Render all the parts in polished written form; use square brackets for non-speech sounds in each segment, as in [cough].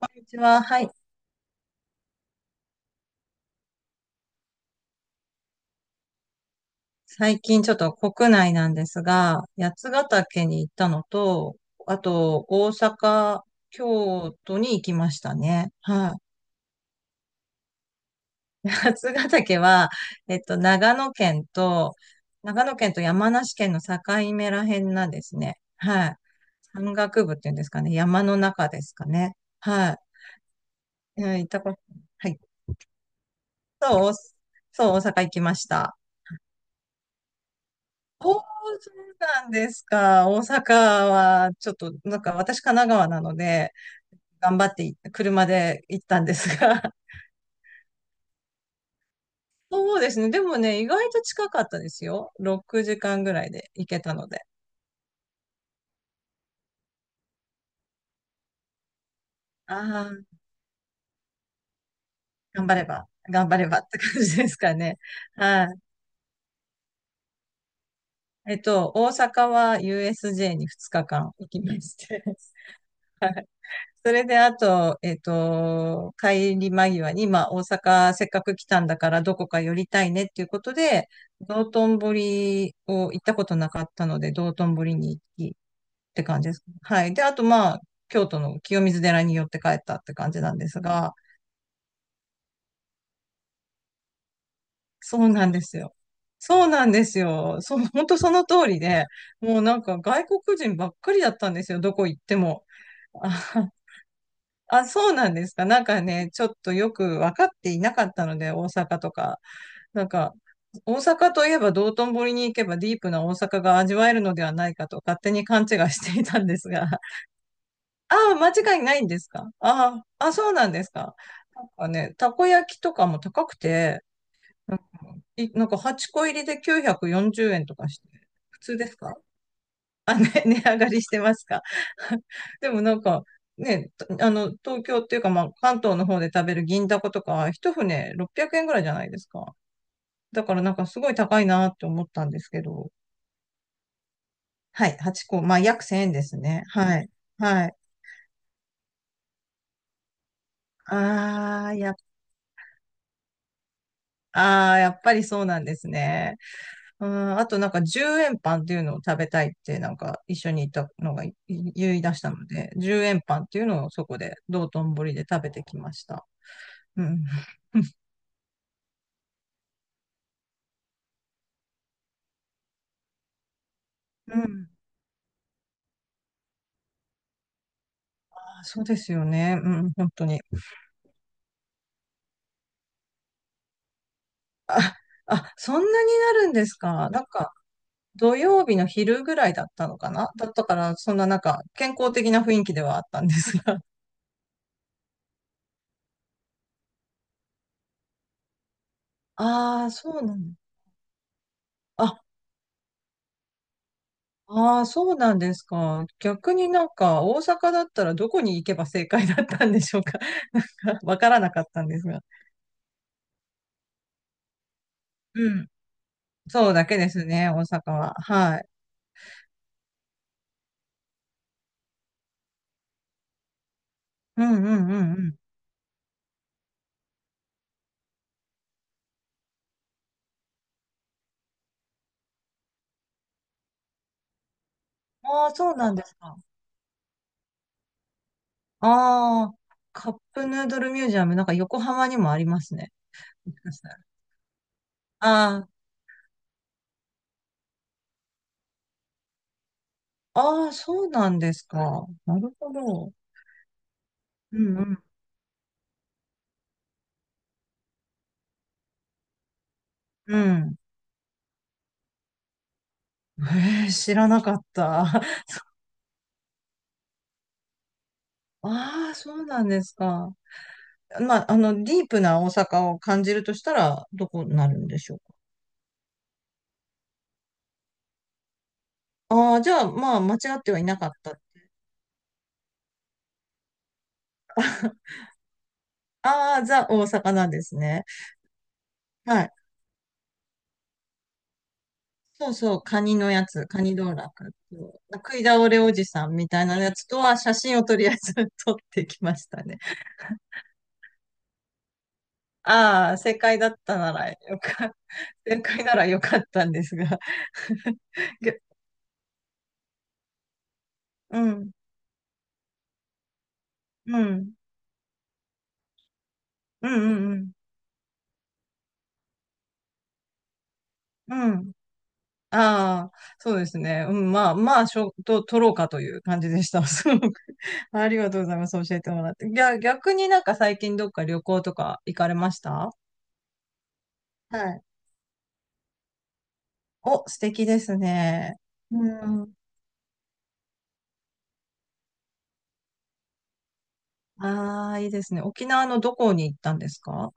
こんにちは、はい。最近ちょっと国内なんですが、八ヶ岳に行ったのと、あと大阪、京都に行きましたね。はい。[laughs] 八ヶ岳は、長野県と、山梨県の境目らへんなんですね。はい。山岳部っていうんですかね。山の中ですかね。はい。行ったこと、はい。そう、大阪行きました。おー、そうなんですか。大阪は、ちょっと、なんか私神奈川なので、頑張ってい車で行ったんですが。[laughs] そうですね。でもね、意外と近かったですよ。6時間ぐらいで行けたので。ああ、頑張ればって感じですかね。はい。大阪は USJ に2日間行きまして。[laughs] それで、あと、帰り間際に、まあ、大阪せっかく来たんだからどこか寄りたいねっていうことで、道頓堀を行ったことなかったので、道頓堀に行きって感じです。はい。で、あと、まあ、京都の清水寺に寄って帰ったって感じなんですが、そうなんですよ。そう、本当その通りで、もうなんか外国人ばっかりだったんですよ、どこ行っても。[laughs] あ、そうなんですか。なんかね、ちょっとよく分かっていなかったので、大阪とか。なんか、大阪といえば道頓堀に行けばディープな大阪が味わえるのではないかと勝手に勘違いしていたんですが。[laughs] ああ、間違いないんですか、ああ、あ、そうなんですか。なんかね、たこ焼きとかも高くて、なんかいなんか8個入りで940円とかして、普通ですか？ [laughs] 値上がりしてますか？ [laughs] でもなんか、ね、あの、東京っていうか、まあ、関東の方で食べる銀だことか、一船600円ぐらいじゃないですか。だからなんかすごい高いなって思ったんですけど。はい、8個。まあ、約1000円ですね。はい。はい。ああ、やっああ、やっぱりそうなんですね。うん、あとなんか10円パンっていうのを食べたいってなんか一緒にいたのがい言い出したので、10円パンっていうのをそこで道頓堀で食べてきました。うん。うん。あ、そうですよね。うん、本当に。あ、あ、そんなになるんですか。なんか、土曜日の昼ぐらいだったのかなだったから、そんななんか、健康的な雰囲気ではあったんですが。[laughs] ああ、そうなんあああ、そうなんですか。逆になんか、大阪だったらどこに行けば正解だったんでしょうか。[laughs] なんか、わからなかったんですが。うん。そうだけですね、大阪は。はい。うんうんうんうん。ああ、そうなんですか。ああ、カップヌードルミュージアム、なんか横浜にもありますね。もしかしたら。あああ、そうなんですか。なるほど。うんうん、うん。えー、知らなかった。[laughs] ああ、そうなんですか。まあ、あの、ディープな大阪を感じるとしたら、どこになるんでしょうか。ああ、じゃあ、まあ、間違ってはいなかった。[laughs] ああ、ザ大阪なんですね。はい。そうそう、カニのやつ、カニ道楽と。そ食い倒れおじさんみたいなやつとは写真をとりあえず [laughs] 撮ってきましたね。ああ、正解だったならよか、[laughs] 正解ならよかったんですが。[laughs] げうん、うん、うん、うん、うん。うんああ、そうですね。うん、まあ、まあ、しょ、と、撮ろうかという感じでした。[laughs] すごくありがとうございます。教えてもらって。逆になんか最近どっか旅行とか行かれましたは、いお、素敵ですね。うん。ああ、いいですね。沖縄のどこに行ったんですか？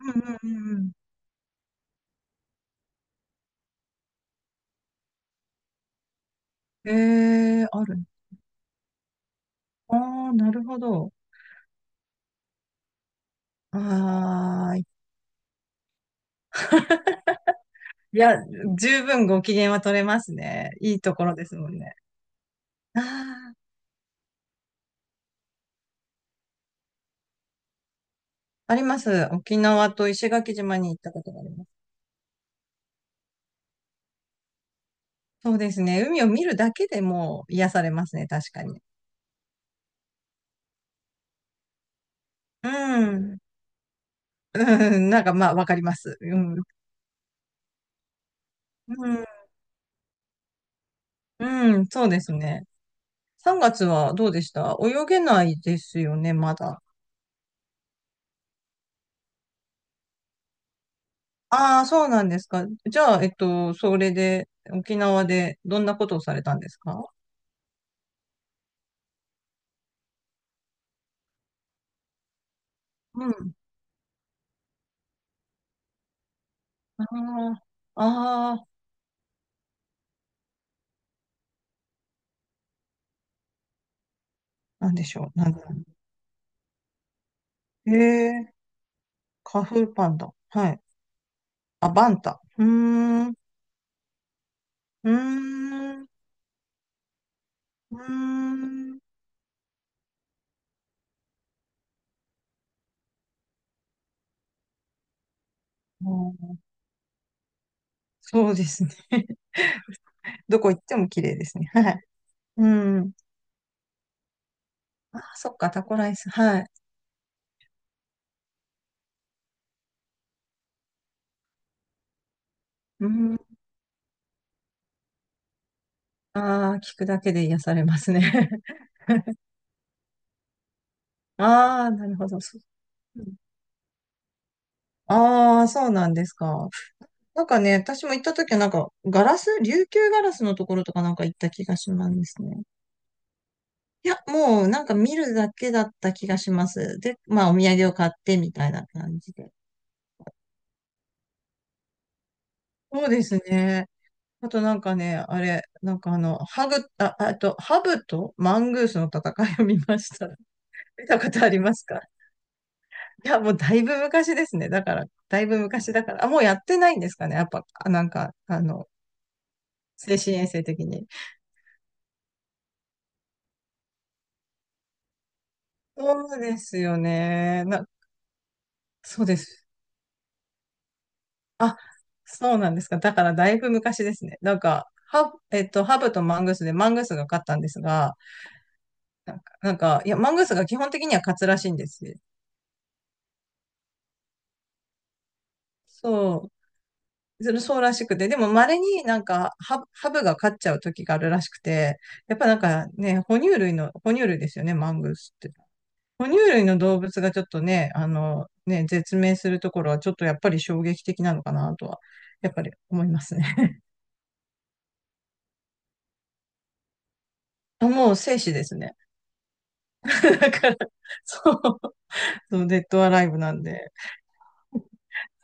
うんうんうんうん。ええある。ああ、なるほど。ああ、いや、十分ご機嫌は取れますね。いいところですもんね。ああ、あります。沖縄と石垣島に行ったことがあります。そうですね。海を見るだけでもう癒されますね。確かに。うん。うん、なんかまあ、わかります。うん。うん、うん、そうですね。3月はどうでした？泳げないですよね、まだ。ああ、そうなんですか。じゃあ、それで、沖縄でどんなことをされたんですか？うん。あああ、なんでしょう。なんだろう。ええ、カフーパンダ。はい。あ、バンタ。うーん、うーん。もうそうですね。[laughs] どこ行っても綺麗ですね。はい。うん。ああ、そっか、タコライス。はい。うん。ああ、聞くだけで癒されますね。ああ、なるほど。そう。ああ、そうなんですか。なんかね、私も行った時はなんか、ガラス、琉球ガラスのところとかなんか行った気がしますね。いや、もうなんか見るだけだった気がします。で、まあお土産を買ってみたいな感じで。そうですね。あとなんかね、あれ、なんかあの、ハグ、あ、あと、ハブとマングースの戦いを見ました。[laughs] 見たことありますか？いや、もうだいぶ昔ですね。だから、だいぶ昔だから。あ、もうやってないんですかね。やっぱ、精神衛生的に。そうですよね。そうです。あ、そうなんですか。だからだいぶ昔ですね。ハブとマングースでマングースが勝ったんですが、マングースが基本的には勝つらしいんですよ。そう。それそうらしくて、でも稀になんかハブが勝っちゃう時があるらしくて、やっぱなんかね、哺乳類ですよね、マングースって。哺乳類の動物がちょっとね、あの、ね、絶命するところはちょっとやっぱり衝撃的なのかなとは、やっぱり思いますね。[laughs] あもう生死ですね。[laughs] だから、そう、そう、デッドアライブなんで。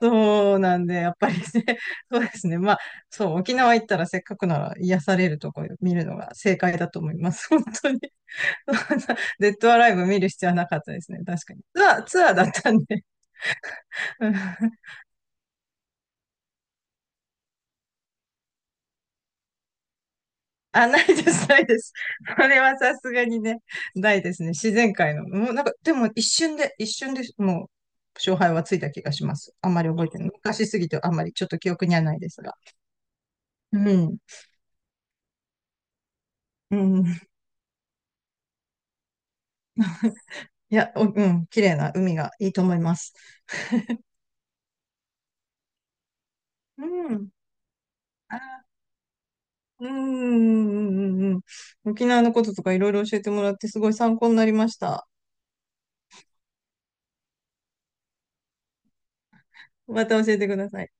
そうなんで、やっぱりね、[laughs] そうですね。まあ、そう、沖縄行ったらせっかくなら癒されるとこ見るのが正解だと思います。[laughs] 本当に。[laughs] そんなデッドアライブ見る必要はなかったですね。確かに。ツアーだったんで。[laughs] うんあ、ないです。[laughs] それはさすがにね、ないですね。自然界の。もうなんか、でも一瞬でもう、勝敗はついた気がします。あんまり覚えてない。昔すぎてあんまりちょっと記憶にはないですが。うん。うん。うん。綺麗な海がいいと思います。うん。あうんうんうんうんうん。沖縄のこととかいろいろ教えてもらってすごい参考になりました。また教えてください。